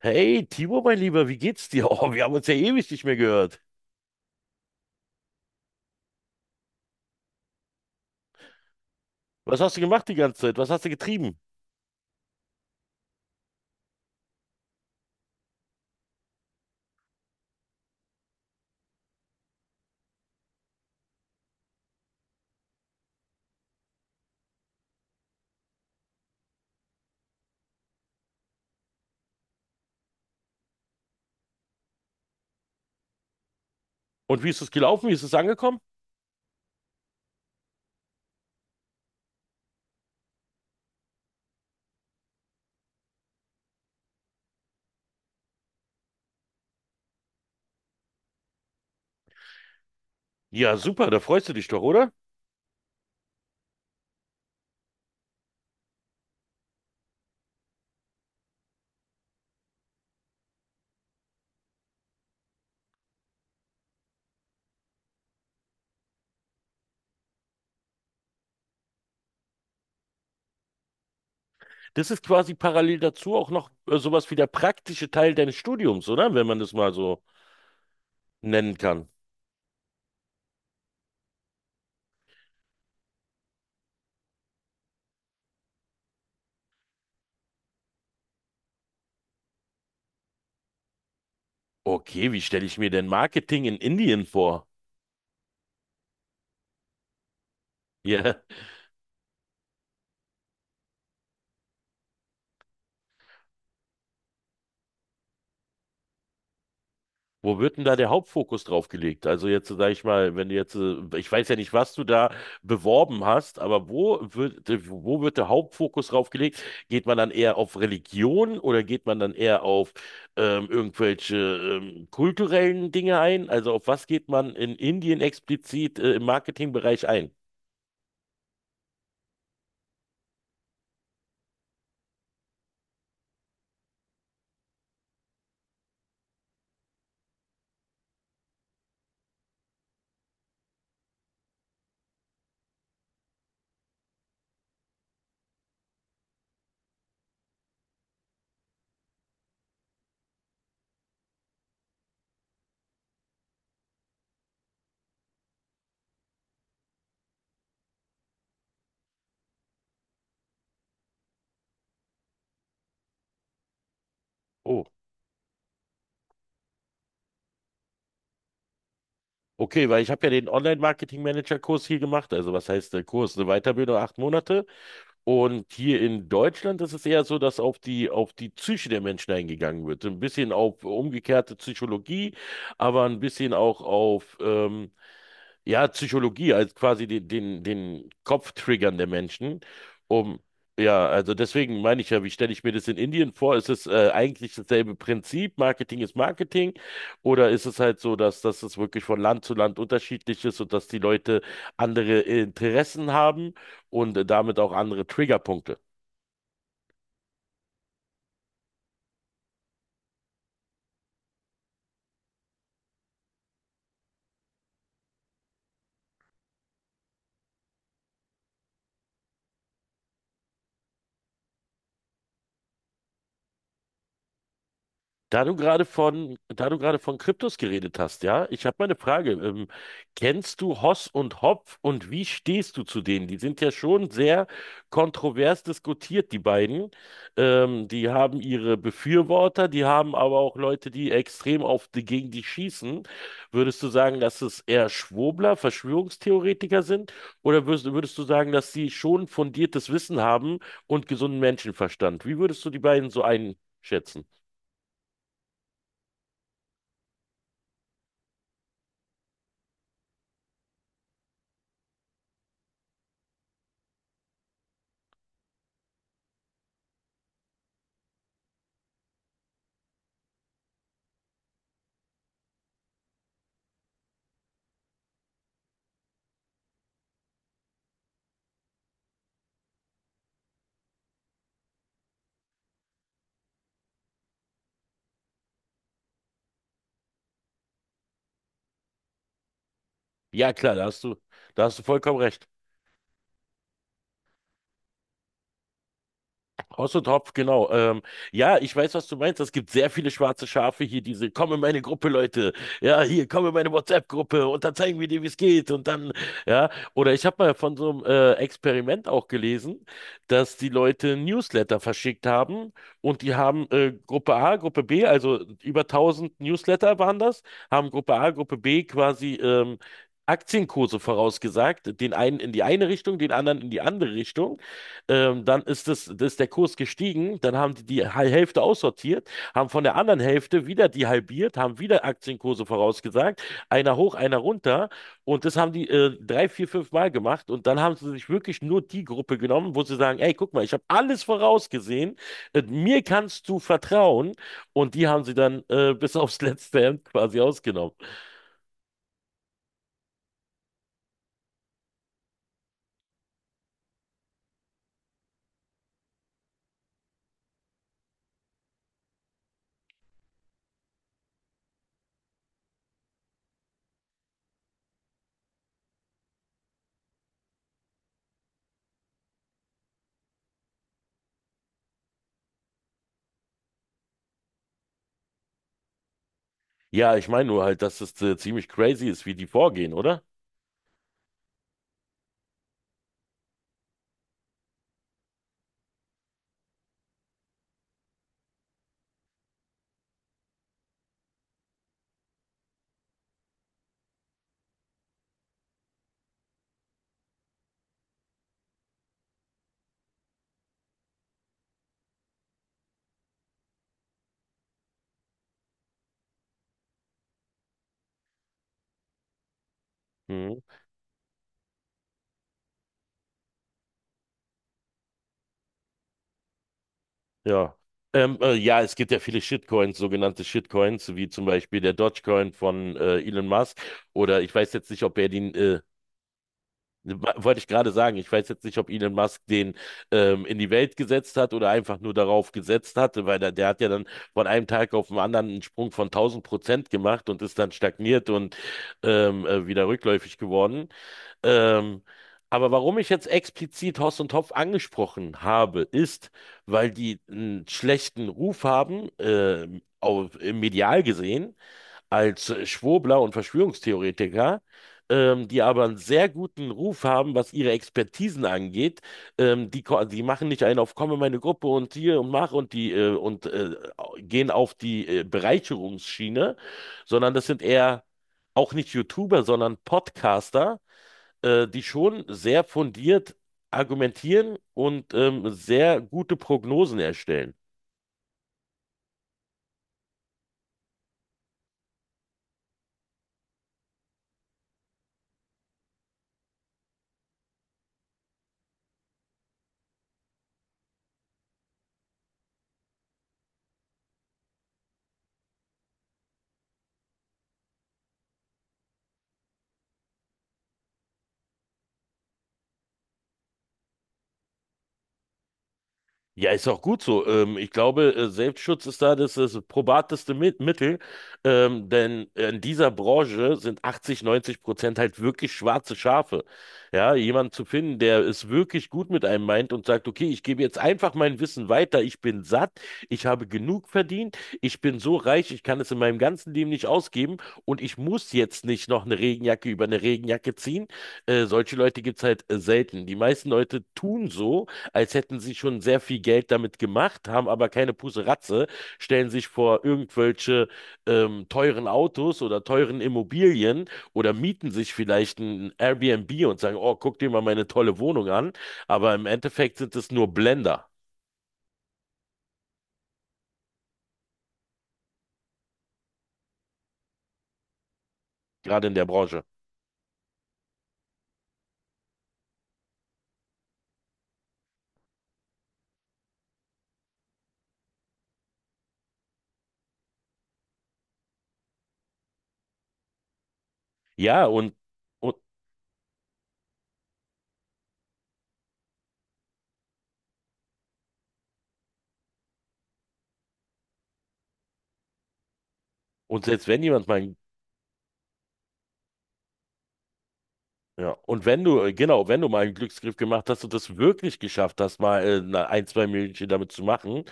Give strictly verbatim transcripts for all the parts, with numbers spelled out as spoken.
Hey, Timo, mein Lieber, wie geht's dir? Oh, wir haben uns ja ewig nicht mehr gehört. Was hast du gemacht die ganze Zeit? Was hast du getrieben? Und wie ist es gelaufen? Wie ist es angekommen? Ja, super, da freust du dich doch, oder? Das ist quasi parallel dazu auch noch äh, sowas wie der praktische Teil deines Studiums, oder? Wenn man das mal so nennen kann. Okay, wie stelle ich mir denn Marketing in Indien vor? Ja, wo wird denn da der Hauptfokus drauf gelegt? Also jetzt, sage ich mal, wenn du jetzt, äh, ich weiß ja nicht, was du da beworben hast, aber wo wird, äh, wo wird der Hauptfokus drauf gelegt? Geht man dann eher auf Religion oder geht man dann eher auf ähm, irgendwelche ähm, kulturellen Dinge ein? Also auf was geht man in Indien explizit äh, im Marketingbereich ein? Oh, okay, weil ich habe ja den Online-Marketing-Manager-Kurs hier gemacht. Also was heißt der Kurs? Eine Weiterbildung, acht Monate. Und hier in Deutschland ist es eher so, dass auf die, auf die Psyche der Menschen eingegangen wird. So ein bisschen auf umgekehrte Psychologie, aber ein bisschen auch auf, ähm, ja, Psychologie, als quasi den, den, den Kopf triggern der Menschen, um, ja, also deswegen meine ich ja, wie stelle ich mir das in Indien vor? Ist es äh, eigentlich dasselbe Prinzip, Marketing ist Marketing, oder ist es halt so, dass, dass es wirklich von Land zu Land unterschiedlich ist und dass die Leute andere Interessen haben und äh, damit auch andere Triggerpunkte? Da du gerade von, da du gerade von Kryptos geredet hast, ja, ich habe mal eine Frage. Ähm, kennst du Hoss und Hopf und wie stehst du zu denen? Die sind ja schon sehr kontrovers diskutiert, die beiden. Ähm, die haben ihre Befürworter, die haben aber auch Leute, die extrem auf die, gegen die schießen. Würdest du sagen, dass es eher Schwurbler, Verschwörungstheoretiker sind? Oder würdest, würdest du sagen, dass sie schon fundiertes Wissen haben und gesunden Menschenverstand? Wie würdest du die beiden so einschätzen? Ja, klar, da hast du, da hast du vollkommen recht. Hoss und Hopf, genau. Ähm, ja, ich weiß, was du meinst. Es gibt sehr viele schwarze Schafe hier, diese, komm in meine Gruppe, Leute. Ja, hier, komm in meine WhatsApp-Gruppe und dann zeigen wir dir, wie es geht. Und dann, ja. Oder ich habe mal von so einem äh, Experiment auch gelesen, dass die Leute Newsletter verschickt haben und die haben äh, Gruppe A, Gruppe B, also über tausend Newsletter waren das, haben Gruppe A, Gruppe B quasi ähm, Aktienkurse vorausgesagt, den einen in die eine Richtung, den anderen in die andere Richtung. Ähm, dann ist das, das ist der Kurs gestiegen, dann haben die die Hal- Hälfte aussortiert, haben von der anderen Hälfte wieder die halbiert, haben wieder Aktienkurse vorausgesagt, einer hoch, einer runter und das haben die äh, drei, vier, fünf Mal gemacht und dann haben sie sich wirklich nur die Gruppe genommen, wo sie sagen, ey, guck mal, ich habe alles vorausgesehen, äh, mir kannst du vertrauen und die haben sie dann äh, bis aufs letzte Hemd quasi ausgenommen. Ja, ich meine nur halt, dass es äh, ziemlich crazy ist, wie die vorgehen, oder? Mhm. Ja. Ähm, äh, ja, es gibt ja viele Shitcoins, sogenannte Shitcoins, wie zum Beispiel der Dogecoin von äh, Elon Musk. Oder ich weiß jetzt nicht, ob er den, äh, wa- wollte ich gerade sagen, ich weiß jetzt nicht, ob Elon Musk den ähm, in die Welt gesetzt hat oder einfach nur darauf gesetzt hatte, weil der, der hat ja dann von einem Tag auf den anderen einen Sprung von tausend Prozent gemacht und ist dann stagniert und ähm, äh, wieder rückläufig geworden. Ähm, aber warum ich jetzt explizit Hoss und Hopf angesprochen habe, ist, weil die einen schlechten Ruf haben, äh, auf, im medial gesehen, als äh, Schwurbler und Verschwörungstheoretiker, ähm, die aber einen sehr guten Ruf haben, was ihre Expertisen angeht. Ähm, die, ko- die machen nicht einen auf, komme in meine Gruppe und hier und mach und die äh, und äh, gehen auf die äh, Bereicherungsschiene, sondern das sind eher auch nicht YouTuber, sondern Podcaster äh, die schon sehr fundiert argumentieren und ähm, sehr gute Prognosen erstellen. Ja, ist auch gut so. Ähm, ich glaube, äh, Selbstschutz ist da das, das probateste Mi- Mittel, ähm, denn in dieser Branche sind achtzig, neunzig Prozent halt wirklich schwarze Schafe. Ja, jemanden zu finden, der es wirklich gut mit einem meint und sagt, okay, ich gebe jetzt einfach mein Wissen weiter, ich bin satt, ich habe genug verdient, ich bin so reich, ich kann es in meinem ganzen Leben nicht ausgeben und ich muss jetzt nicht noch eine Regenjacke über eine Regenjacke ziehen. Äh, solche Leute gibt es halt äh, selten. Die meisten Leute tun so, als hätten sie schon sehr viel Geld damit gemacht, haben aber keine Puseratze, stellen sich vor irgendwelche ähm, teuren Autos oder teuren Immobilien oder mieten sich vielleicht ein Airbnb und sagen, oh, guck dir mal meine tolle Wohnung an. Aber im Endeffekt sind es nur Blender, gerade in der Branche. Ja, und, und, und selbst wenn jemand mal Ja, und wenn du, äh, genau, wenn du mal einen Glücksgriff gemacht hast und das wirklich geschafft hast, mal äh, na- ein, zwei Millionchen damit zu machen,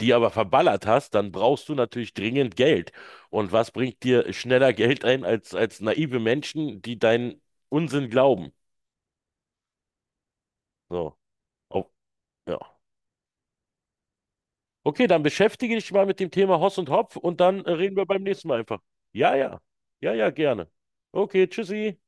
die aber verballert hast, dann brauchst du natürlich dringend Geld. Und was bringt dir schneller Geld ein als, als naive Menschen, die deinen Unsinn glauben? So, Au- ja. Okay, dann beschäftige dich mal mit dem Thema Hoss und Hopf und dann äh, reden wir beim nächsten Mal einfach. Ja, ja, ja, ja, gerne. Okay, tschüssi.